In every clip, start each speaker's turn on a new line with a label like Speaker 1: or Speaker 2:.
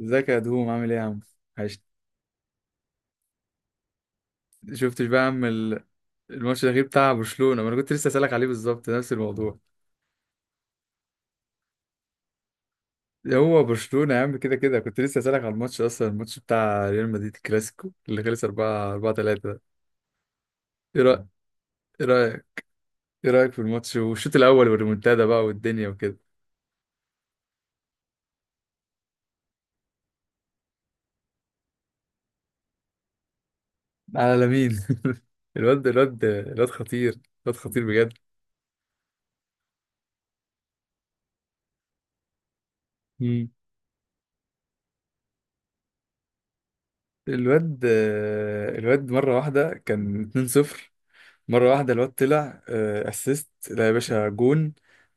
Speaker 1: ازيك يا دوم عامل ايه يا عم؟ عشت. شفتش بقى يا عم الماتش الأخير بتاع برشلونة؟ ما انا كنت لسه اسألك عليه بالظبط نفس الموضوع. هو برشلونة يا عم كده كده، كنت لسه اسألك على الماتش اصلا، الماتش بتاع ريال مدريد، الكلاسيكو اللي خلص 4 4 3 ده. ايه رأيك؟ ايه رأيك ايه رأيك في الماتش والشوط الأول والريمونتادا بقى والدنيا وكده؟ على لامين. الواد خطير، الواد خطير بجد. مم. الواد الواد مرة واحدة كان 2-0، مره واحده الواد طلع اسيست، لا يا باشا جون.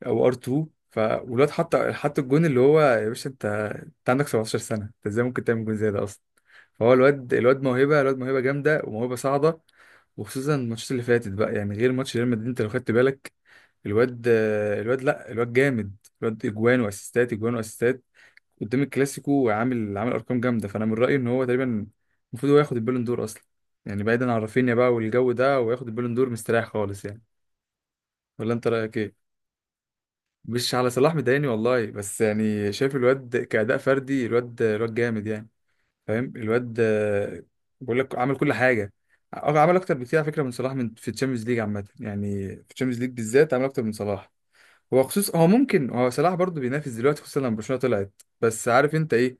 Speaker 1: او ار 2، فالواد حط الجون، اللي هو يا باشا انت، انت عندك 17 سنه، انت ازاي ممكن تعمل جون زي ده اصلا؟ فهو الواد، موهبه، الواد موهبه جامده وموهبه صاعده. وخصوصا الماتشات اللي فاتت بقى، يعني غير ماتش ريال مدريد انت لو خدت بالك الواد، الواد لا، الواد جامد. الواد اجوان واسيستات، اجوان واسيستات قدام الكلاسيكو، عامل ارقام جامده. فانا من رايي ان هو تقريبا المفروض هو ياخد البالون دور اصلا، يعني بعيدا عن رافينيا بقى والجو ده، وياخد البالون دور مستريح خالص يعني. ولا انت رايك ايه؟ مش على صلاح مضايقني والله، بس يعني شايف الواد كأداء فردي، الواد جامد يعني. فاهم؟ الواد بقول لك عمل كل حاجه. عمل اكتر بكتير على فكره من صلاح، من في الشامبيونز ليج عامه، يعني في الشامبيونز ليج بالذات عمل اكتر من صلاح. هو صلاح برضه بينافس دلوقتي، خصوصا لما برشلونة طلعت، بس عارف انت ايه؟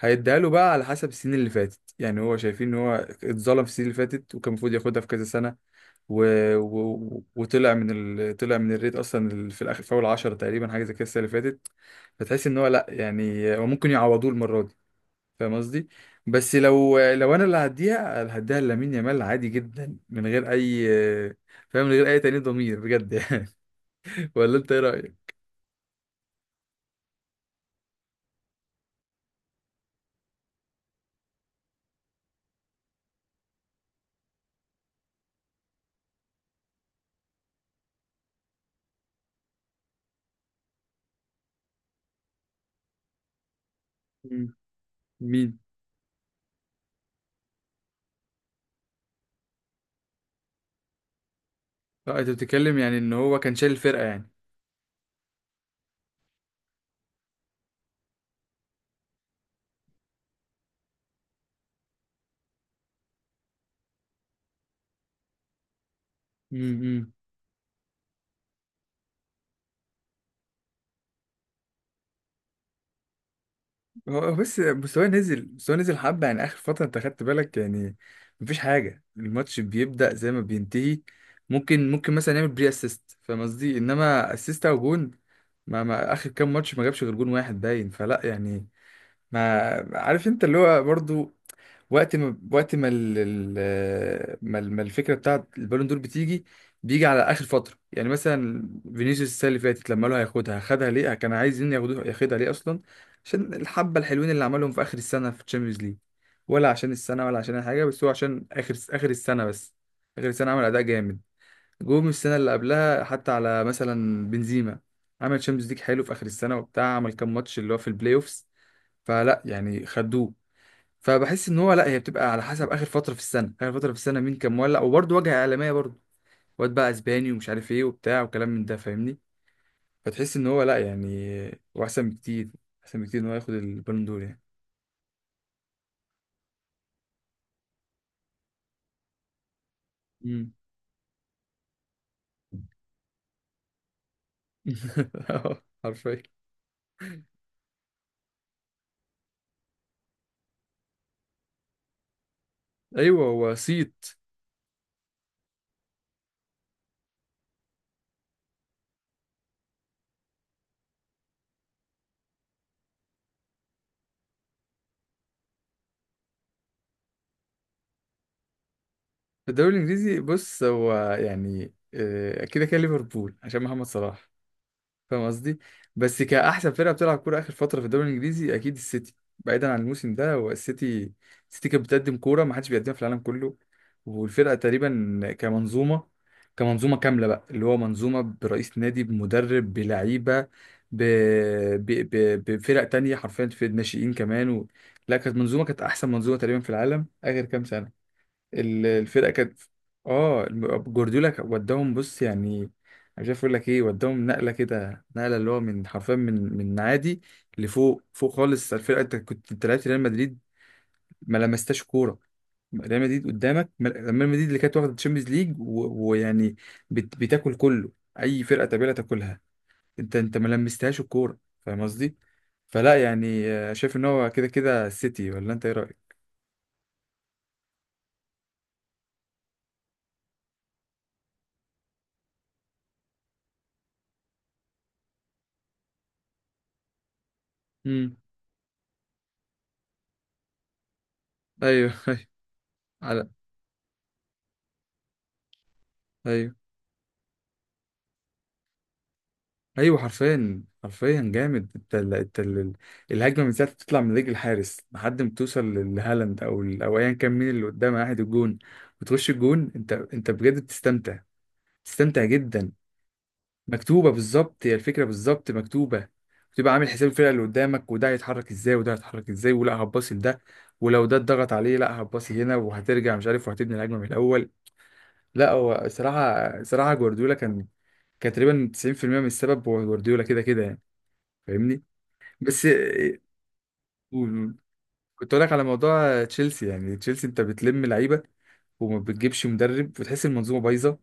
Speaker 1: هيديها له بقى على حسب السنين اللي فاتت، يعني هو شايفين ان هو اتظلم في السنين اللي فاتت وكان المفروض ياخدها في كذا سنة. و... وطلع من طلع من الريت اصلا، في الاخر، في اول 10 تقريبا حاجة زي كده السنة اللي فاتت. فتحس ان هو لا يعني هو ممكن يعوضوه المرة دي. فاهم قصدي؟ بس لو انا اللي هديها، أنا هديها لامين يامال عادي جدا من غير اي، فاهم، من غير اي تأنيب ضمير بجد يعني. ولا انت ايه رأيك؟ مين؟ اه انت بتتكلم يعني ان هو كان شايل الفرقه يعني. امم. هو بس مستواه نزل، مستواه نزل حبه يعني اخر فتره انت خدت بالك يعني. مفيش حاجه، الماتش بيبدا زي ما بينتهي. ممكن مثلا يعمل بري اسيست، فاهم قصدي، انما اسيست او جون. ما اخر كام ماتش ما جابش غير جون واحد باين، فلا يعني. ما عارف انت اللي هو برضو وقت ما الفكره بتاعت البالون دور بتيجي، بيجي على اخر فتره يعني. مثلا فينيسيوس السنه اللي فاتت لما قالوا هياخدها، خدها ليه؟ كان عايزين ياخدوها، ياخدها ليه اصلا؟ عشان الحبه الحلوين اللي عملهم في اخر السنه في الشامبيونز ليج؟ ولا عشان السنه؟ ولا عشان اي حاجه؟ بس هو عشان اخر السنه بس. اخر السنه عمل اداء جامد. جم السنه اللي قبلها حتى على مثلا بنزيما، عمل شامبيونز ليج حلو في اخر السنه وبتاع، عمل كام ماتش اللي هو في البلاي اوفس، فلا يعني خدوه. فبحس ان هو لا، هي بتبقى على حسب اخر فتره في السنه. اخر فتره في السنه مين كان مولع، وبرضه واجهه اعلاميه برضه، واد بقى اسباني ومش عارف ايه وبتاع وكلام من ده، فاهمني؟ فتحس ان هو لا يعني هو احسن بكتير، احسن بكتير ان هو ياخد البالون دور يعني. امم. حرفيا. ايوه هو صيت. في الدوري الانجليزي بص، هو يعني كده كده ليفربول عشان محمد صلاح، فاهم قصدي. بس كأحسن فرقة بتلعب كورة آخر فترة في الدوري الإنجليزي أكيد السيتي، بعيدا عن الموسم ده، هو السيتي. السيتي كانت بتقدم كورة ما حدش بيقدمها في العالم كله، والفرقة تقريبا كمنظومة، كمنظومة كاملة بقى، اللي هو منظومة برئيس نادي، بمدرب، بلعيبة، ب... ب... بفرق تانية حرفيا في الناشئين كمان لا كانت منظومة، كانت أحسن منظومة تقريبا في العالم آخر كام سنة. الفرقه كانت، اه جوارديولا كان وداهم بص يعني، مش عارف اقول لك ايه، وداهم نقله كده، نقله اللي هو من حرفيا من عادي لفوق، فوق خالص. الفرقه انت كنت، انت لعبت ريال مدريد ما لمستهاش كوره. ريال مدريد قدامك، ريال مدريد اللي كانت واخده تشامبيونز ليج ويعني بتاكل كله، اي فرقه تقابلها تاكلها. انت ما لمستهاش الكوره، فاهم قصدي. فلا يعني شايف ان هو كده كده السيتي، ولا انت ايه رايك؟ امم. ايوه. ايوه. على. ايوه. ايوه حرفيا، حرفيا جامد. الهجمه من ساعه ما تطلع من رجل الحارس لحد ما توصل لهالاند او ايا كان مين اللي قدام واحد الجون، وتخش الجون، انت بجد بتستمتع، بتستمتع جدا. مكتوبه بالظبط، هي الفكره بالظبط مكتوبه. بتبقى عامل حساب الفرقه اللي قدامك، وده هيتحرك ازاي وده هيتحرك ازاي ولا هتباصي لده، ولو ده اتضغط عليه لا هتباصي هنا وهترجع مش عارف وهتبني الهجمه من الاول. لا هو صراحه، جوارديولا كان تقريبا 90% من السبب هو جوارديولا كده كده يعني، فاهمني؟ بس قول. كنت اقول لك على موضوع تشيلسي، يعني تشيلسي انت بتلم لعيبه وما بتجيبش مدرب وتحس المنظومه بايظه،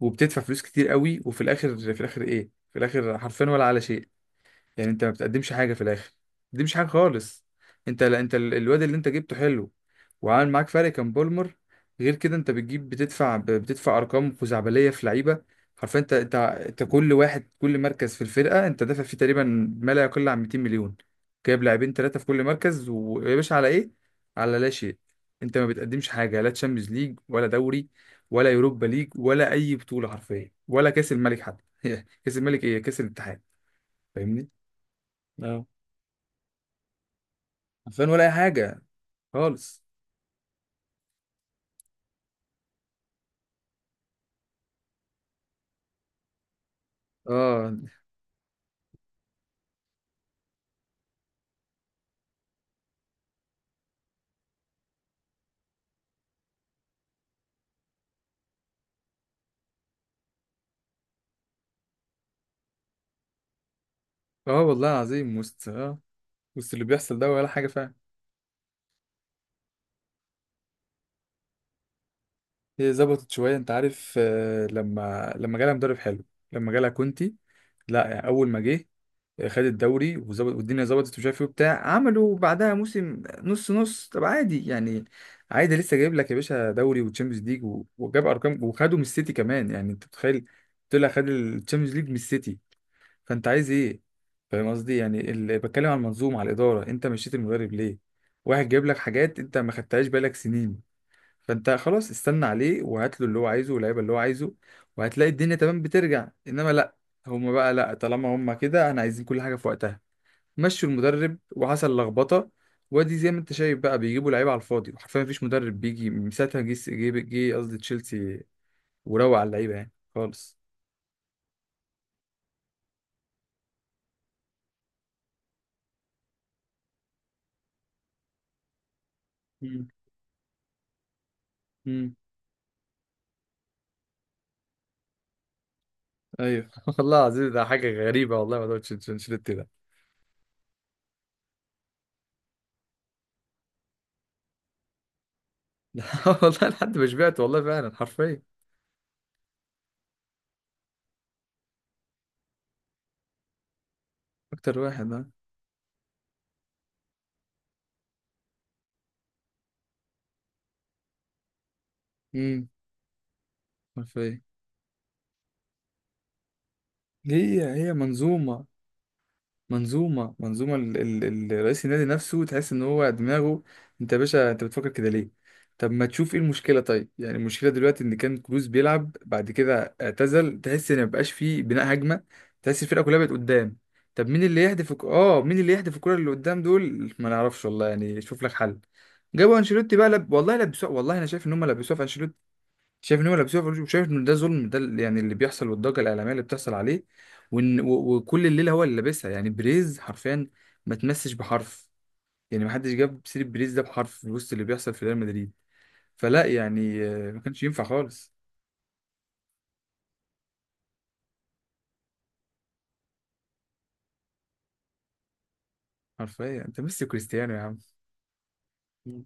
Speaker 1: وبتدفع فلوس كتير قوي، وفي الاخر، في الاخر حرفيا ولا على شيء، يعني انت ما بتقدمش حاجه في الاخر، ما بتقدمش حاجه خالص. انت لا، انت الواد اللي انت جبته حلو وعامل معاك فرق كان بولمر، غير كده انت بتجيب، بتدفع بتدفع ارقام خزعبليه في لعيبه. حرفيا انت، كل واحد، كل مركز في الفرقه انت دافع فيه تقريبا ما لا يقل عن 200 مليون. جايب لاعبين ثلاثه في كل مركز، ويا باشا على ايه؟ على لا شيء. انت ما بتقدمش حاجه، لا تشامبيونز ليج ولا دوري ولا يوروبا ليج ولا اي بطوله، حرفيا ولا كاس الملك حتى كاس الملك ايه، كاس الاتحاد. فاهمني؟ عارفين ولا اي حاجه خالص. اه. اه والله العظيم وسط اه، وسط اللي بيحصل ده ولا حاجه، فاهم؟ هي ظبطت شويه انت عارف، لما جالها مدرب حلو، لما جالها كونتي، لا يعني اول ما جه خد الدوري وظبط والدنيا ظبطت ومش عارف ايه وبتاع، عملوا بعدها موسم نص نص، طب عادي يعني، عادي لسه جايب لك يا باشا دوري وتشامبيونز ليج وجاب ارقام، وخدوا من السيتي كمان يعني، انت متخيل؟ طلع خد التشامبيونز ليج من السيتي، فانت عايز ايه؟ فاهم قصدي يعني اللي بتكلم عن المنظومه على الاداره، انت مشيت المدرب ليه؟ واحد جايب لك حاجات انت ما خدتهاش بالك سنين، فانت خلاص استنى عليه وهات له اللي هو عايزه واللعيبه اللي هو عايزه، وهتلاقي الدنيا تمام بترجع. انما لا، هما بقى لا، طالما هما كده احنا عايزين كل حاجه في وقتها، مشوا المدرب وحصل لخبطه، وادي زي ما انت شايف بقى بيجيبوا لعيبه على الفاضي، وحرفيا مفيش مدرب بيجي من ساعتها، جه قصدي تشيلسي، وروق على اللعيبه يعني خالص. مم. مم. ايوه. والله العظيم ده حاجه غريبه، والله ما دوتش انشيلوتي ده. والله لحد ما شبعت والله، فعلا حرفيا. اكتر واحد، ها. امم. حرفيا. هي منظومه، منظومة، رئيس النادي نفسه تحس ان هو دماغه، انت يا باشا انت بتفكر كده ليه؟ طب ما تشوف ايه المشكلة طيب؟ يعني المشكلة دلوقتي ان كان كروس بيلعب بعد كده اعتزل، تحس ان مبقاش فيه بناء هجمة، تحس الفرقة كلها بقت قدام. طب مين اللي يهدف مين اللي يهدف الكرة اللي قدام دول؟ ما نعرفش والله، يعني شوف لك حل. جابوا انشيلوتي بقى والله لبسوه، والله انا شايف ان هم لبسوه في، شايف ان هو لابسوها فلوس، وشايف ان ده ظلم، ده يعني اللي بيحصل والضجه الاعلاميه اللي بتحصل عليه، وكل الليله هو اللي لابسها يعني، بريز حرفيا ما تمسش بحرف، يعني ما حدش جاب سيره بريز ده بحرف في وسط اللي بيحصل في ريال مدريد. فلا يعني ما كانش ينفع خالص. حرفيا انت ميسي كريستيانو يا عم. مم.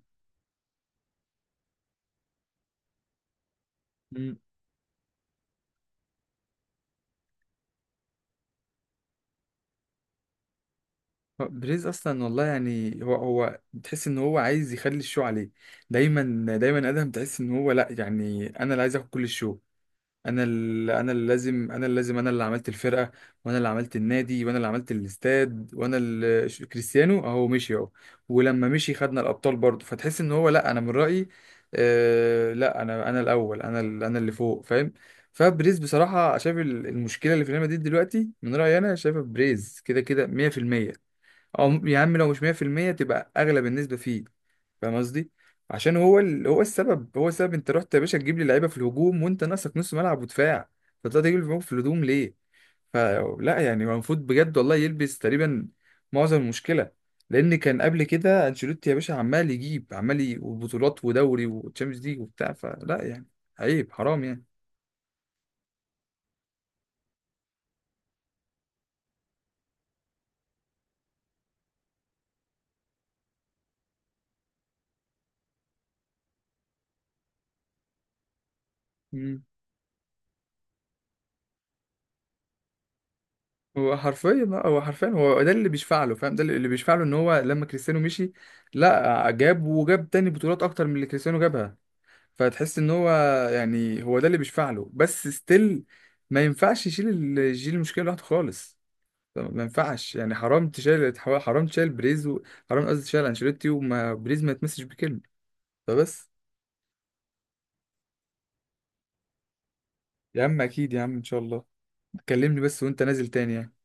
Speaker 1: مم. هو بريز اصلا والله يعني، هو تحس ان هو عايز يخلي الشو عليه دايما، دايما ادهم، تحس ان هو لا يعني انا اللي عايز اخد كل الشو، انا اللي لازم، انا اللي عملت الفرقه، وانا اللي عملت النادي، وانا اللي عملت الاستاد، وانا اللي كريستيانو اهو مشي اهو، ولما مشي خدنا الابطال برضه، فتحس ان هو لا، انا من رايي آه لا، انا الاول، انا انا اللي فوق، فاهم؟ فبريز بصراحه شايف المشكله اللي في ريال مدريد دلوقتي من رايي انا شايفها بريز كده كده 100%، او يا عم لو مش 100% تبقى اغلب النسبه فيه، فاهم قصدي. عشان هو هو السبب، هو السبب. انت رحت يا باشا تجيب لي لعيبه في الهجوم وانت ناقصك نص ملعب ودفاع، فطلعت تجيب لي في الهجوم ليه؟ فلا يعني هو المفروض بجد والله يلبس تقريبا معظم المشكله، لان كان قبل كده انشيلوتي يا باشا عمال يجيب، عمال وبطولات ودوري وتشامبيونز ليج وبتاع، فلا يعني عيب، حرام يعني. مم. هو حرفيا لا، هو حرفيا هو ده اللي بيشفع له، فاهم؟ ده اللي بيشفع له ان هو لما كريستيانو مشي لا جاب، وجاب تاني بطولات اكتر من اللي كريستيانو جابها، فتحس ان هو يعني هو ده اللي بيشفع له. بس ستيل ما ينفعش يشيل يشيل المشكله لوحده خالص، ما ينفعش يعني. حرام تشيل، حرام تشيل بريز حرام قصدي تشيل انشيلوتي وما بريز ما يتمسش بكلمه، فبس. يا عم اكيد يا عم، ان شاء الله. كلمني بس وانت نازل تاني يعني.